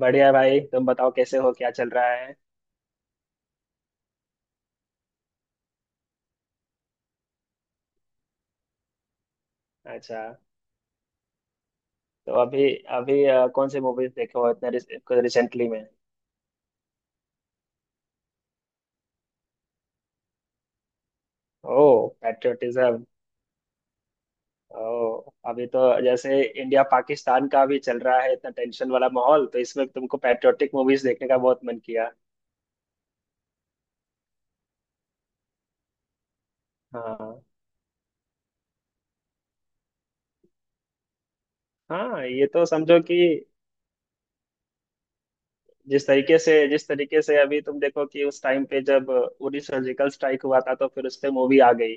बढ़िया भाई, तुम बताओ कैसे हो, क्या चल रहा है। अच्छा। तो अभी अभी कौन सी मूवीज देखे हो इतने रिसेंटली में। ओ, पैट्रियोटिज्म। ओ। अभी तो जैसे इंडिया पाकिस्तान का भी चल रहा है, इतना टेंशन वाला माहौल, तो इसमें तुमको पैट्रियोटिक मूवीज देखने का बहुत मन किया। हाँ। हाँ, ये तो समझो कि जिस तरीके से अभी तुम देखो कि उस टाइम पे जब उरी सर्जिकल स्ट्राइक हुआ था तो फिर उस पे मूवी आ गई।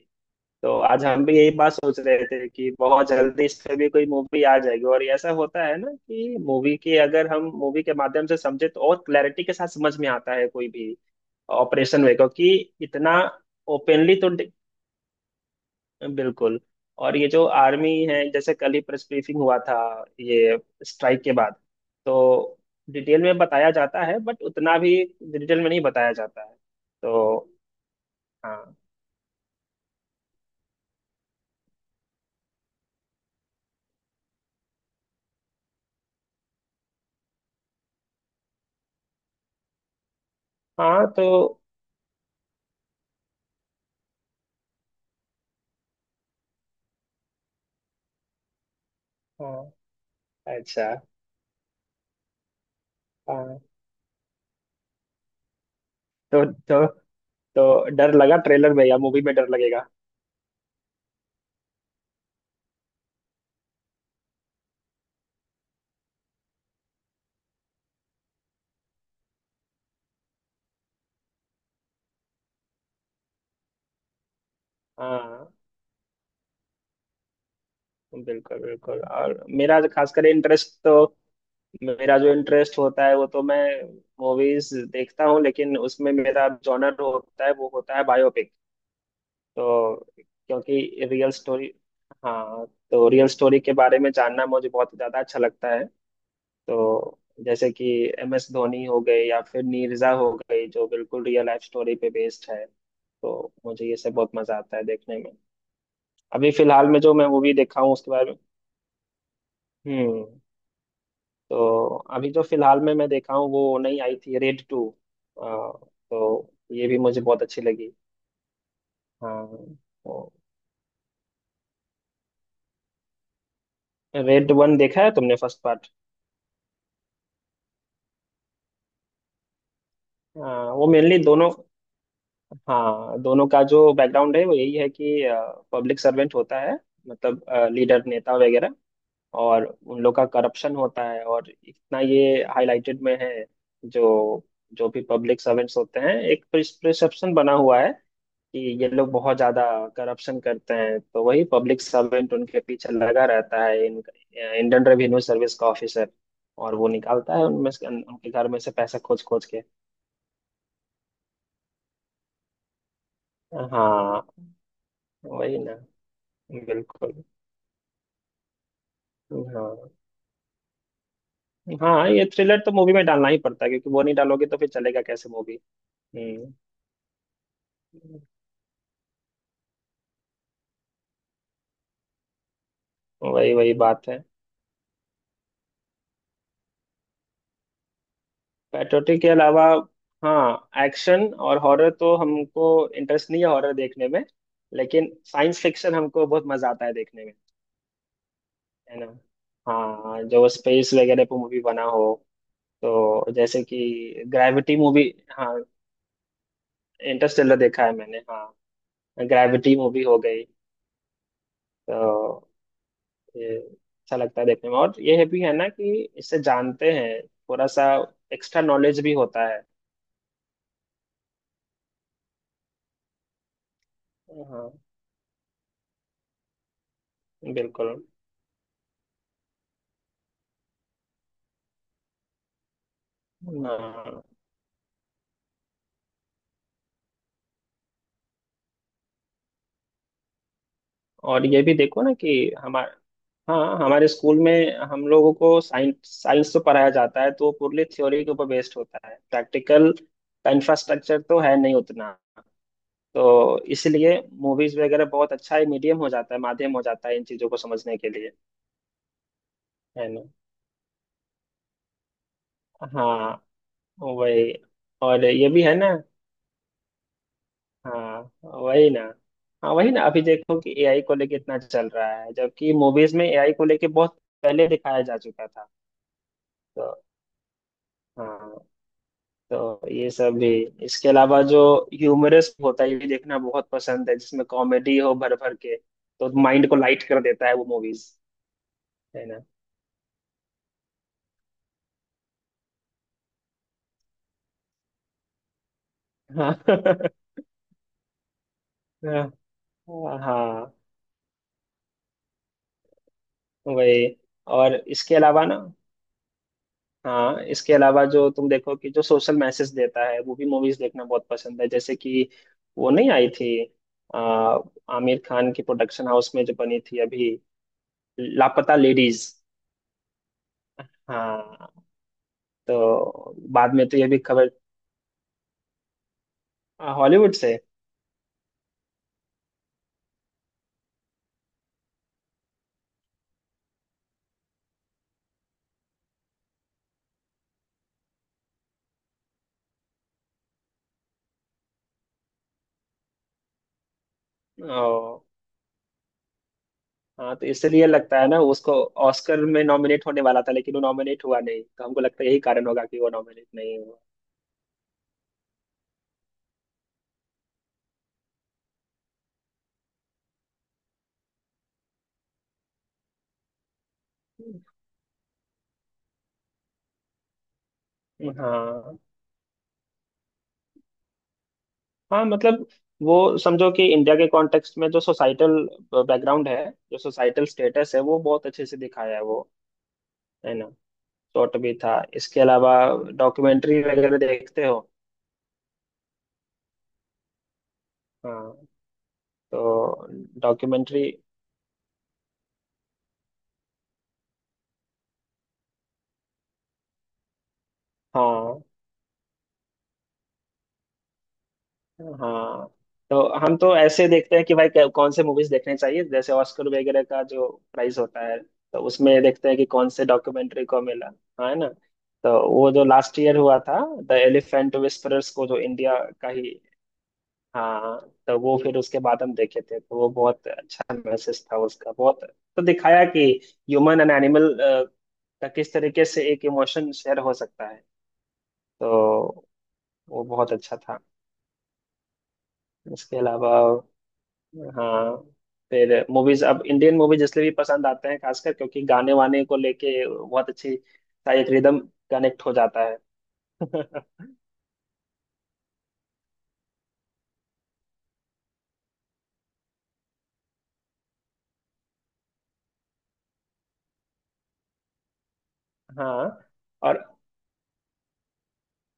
तो आज हम भी यही बात सोच रहे थे कि बहुत जल्दी इस पे भी कोई मूवी आ जाएगी। और ऐसा होता है ना कि मूवी के अगर हम मूवी के माध्यम से समझे तो और क्लैरिटी के साथ समझ में आता है कोई भी ऑपरेशन। वे क्योंकि इतना ओपनली तो बिल्कुल। और ये जो आर्मी है, जैसे कल ही प्रेस ब्रीफिंग हुआ था, ये स्ट्राइक के बाद, तो डिटेल में बताया जाता है, बट उतना भी डिटेल में नहीं बताया जाता है। तो हाँ। हाँ। तो हाँ, अच्छा। हाँ तो तो डर लगा ट्रेलर में या मूवी में डर लगेगा? हाँ, बिल्कुल बिल्कुल। और मेरा जो खासकर इंटरेस्ट, तो मेरा जो इंटरेस्ट होता है वो तो मैं मूवीज देखता हूँ, लेकिन उसमें मेरा जॉनर होता है वो होता है बायोपिक। तो क्योंकि रियल स्टोरी, हाँ, तो रियल स्टोरी के बारे में जानना मुझे बहुत ज्यादा अच्छा लगता है। तो जैसे कि MS धोनी हो गए, या फिर नीरजा हो गई, जो बिल्कुल रियल लाइफ स्टोरी पे बेस्ड है, तो मुझे ये सब बहुत मजा आता है देखने में। अभी फिलहाल में जो मैं मूवी देखा हूँ उसके बारे में हम्म तो अभी जो फिलहाल में मैं देखा हूँ वो नई आई थी, रेड टू। तो ये भी मुझे बहुत अच्छी लगी। हाँ। तो रेड वन देखा है तुमने? First part? हाँ, वो मेनली दोनों, हाँ, दोनों का जो बैकग्राउंड है वो यही है कि पब्लिक सर्वेंट होता है, मतलब लीडर, नेता वगैरह, और उन लोग का करप्शन होता है, और इतना ये हाईलाइटेड में है, जो जो भी पब्लिक सर्वेंट्स होते हैं, एक प्रिसेप्शन बना हुआ है कि ये लोग बहुत ज्यादा करप्शन करते हैं, तो वही पब्लिक सर्वेंट उनके पीछे लगा रहता है, इन इंडियन रेवेन्यू सर्विस का ऑफिसर। और वो निकालता है उनमें से उनके घर में से पैसा खोज खोज के। हाँ, वही ना। बिल्कुल। हाँ। हाँ, ये थ्रिलर तो मूवी में डालना ही पड़ता है, क्योंकि वो नहीं डालोगे तो फिर चलेगा कैसे मूवी। हम्म। वही वही बात है। पैट्रियोटिक के अलावा हाँ, एक्शन और हॉरर तो हमको इंटरेस्ट नहीं है हॉरर देखने में, लेकिन साइंस फिक्शन हमको बहुत मजा आता है देखने में। है ना। हाँ, जो स्पेस वगैरह पे मूवी बना हो, तो जैसे कि ग्रेविटी मूवी। हाँ, इंटरस्टेलर देखा है मैंने, हाँ। ग्रेविटी मूवी हो गई। तो ये अच्छा लगता है देखने में, और ये भी है ना कि इससे जानते हैं, थोड़ा सा एक्स्ट्रा नॉलेज भी होता है। हाँ। बिल्कुल। हाँ। और ये भी देखो ना कि हमारे, हाँ, हमारे स्कूल में हम लोगों को साइंस साइंस तो पढ़ाया जाता है, तो वो पूरी थ्योरी के ऊपर बेस्ड होता है, प्रैक्टिकल का इंफ्रास्ट्रक्चर तो है नहीं उतना, तो इसलिए मूवीज वगैरह बहुत अच्छा ही मीडियम हो जाता है, माध्यम हो जाता है इन चीजों को समझने के लिए। है ना। हाँ। वही। और ये भी है ना। हाँ, वही ना। हाँ, वही ना, अभी देखो कि AI को लेके इतना चल रहा है, जबकि मूवीज में AI को लेके बहुत पहले दिखाया जा चुका था। तो हाँ, तो ये सब भी, इसके अलावा जो ह्यूमरस होता है, ये भी देखना बहुत पसंद है, जिसमें कॉमेडी हो भर भर के, तो माइंड को लाइट कर देता है वो मूवीज। है ना। हाँ। हाँ। वही। और इसके अलावा ना, हाँ, इसके अलावा जो तुम देखो कि जो सोशल मैसेज देता है वो भी मूवीज देखना बहुत पसंद है। जैसे कि वो नहीं आई थी, आ, आमिर खान की प्रोडक्शन हाउस में जो बनी थी अभी, लापता लेडीज। हाँ। तो बाद में तो ये भी खबर, हॉलीवुड से। ओ। हाँ, तो इसलिए लगता है ना, उसको ऑस्कर में नॉमिनेट होने वाला था लेकिन वो नॉमिनेट हुआ नहीं, तो हमको लगता है यही कारण होगा कि वो नॉमिनेट नहीं हुआ। हाँ। हाँ, मतलब, वो समझो कि इंडिया के कॉन्टेक्स्ट में जो सोसाइटल बैकग्राउंड है, जो सोसाइटल स्टेटस है वो बहुत अच्छे से दिखाया है वो। है ना। शॉर्ट भी था। इसके अलावा डॉक्यूमेंट्री वगैरह देखते हो? हाँ। तो डॉक्यूमेंट्री, हाँ। हाँ, तो हम तो ऐसे देखते हैं कि भाई कौन से मूवीज देखने चाहिए, जैसे ऑस्कर वगैरह का जो प्राइस होता है, तो उसमें देखते हैं कि कौन से डॉक्यूमेंट्री को मिला। हाँ। है ना। तो वो जो लास्ट ईयर हुआ था, द एलिफेंट विस्परर्स को, जो इंडिया का ही, हाँ, तो वो फिर उसके बाद हम देखे थे, तो वो बहुत अच्छा मैसेज था उसका, बहुत। तो दिखाया कि ह्यूमन एंड एनिमल का किस तरीके से एक इमोशन शेयर हो सकता है, तो वो बहुत अच्छा था। इसके अलावा, हाँ, फिर मूवीज, अब इंडियन मूवीज इसलिए भी पसंद आते हैं खासकर, क्योंकि गाने वाने को लेके बहुत अच्छी सा एक रिदम कनेक्ट हो जाता है। हाँ। और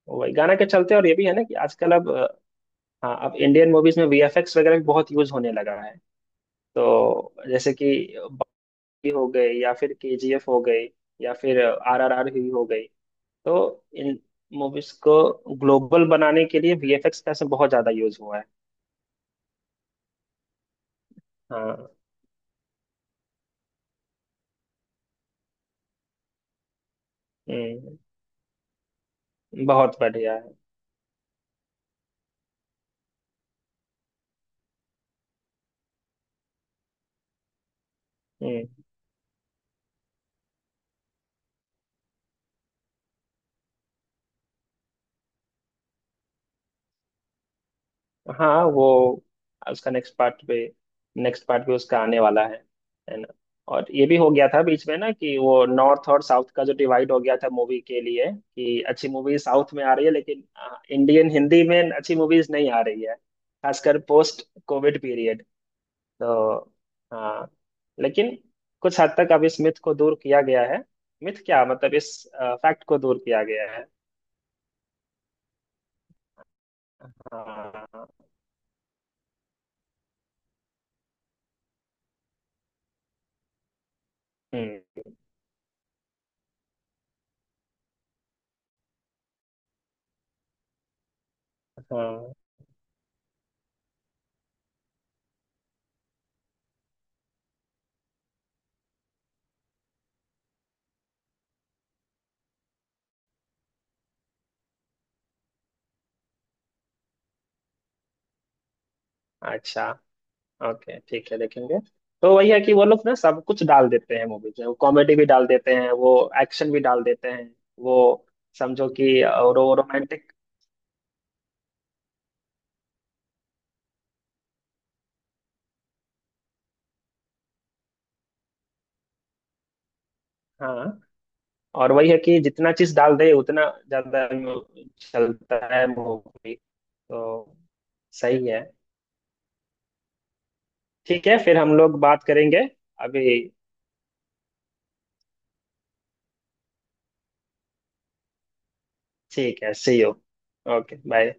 वही गाना के चलते। और ये भी है ना कि आजकल हाँ, अब इंडियन मूवीज में VFX वगैरह भी बहुत यूज होने लगा है। तो जैसे कि बागी हो गई, या फिर KGF हो गई, या फिर RRR ही हो गई, तो इन मूवीज को ग्लोबल बनाने के लिए VFX का इसमें बहुत ज्यादा यूज हुआ है। हाँ। हम्म। बहुत बढ़िया है। हम्म। हाँ, वो उसका नेक्स्ट पार्ट पे, नेक्स्ट पार्ट भी उसका आने वाला है। है ना। और ये भी हो गया था बीच में ना कि वो नॉर्थ और साउथ का जो डिवाइड हो गया था मूवी के लिए, कि अच्छी मूवी साउथ में आ रही है लेकिन इंडियन हिंदी में अच्छी मूवीज नहीं आ रही है, खासकर पोस्ट कोविड पीरियड। तो हाँ, लेकिन कुछ हद तक अब इस मिथ को दूर किया गया है। मिथ क्या, मतलब इस फैक्ट को दूर किया गया है। हाँ। हम्म। हाँ। अच्छा। ओके, ठीक है, देखेंगे। तो वही है कि वो लोग ना सब कुछ डाल देते हैं मूवीज में, वो कॉमेडी भी डाल देते हैं, वो एक्शन भी डाल देते हैं, वो समझो कि, और वो रोमांटिक, हाँ। और वही है कि जितना चीज डाल दे उतना ज्यादा चलता है मूवी, तो सही है। ठीक है, फिर हम लोग बात करेंगे अभी। ठीक है, C U। Okay, bye.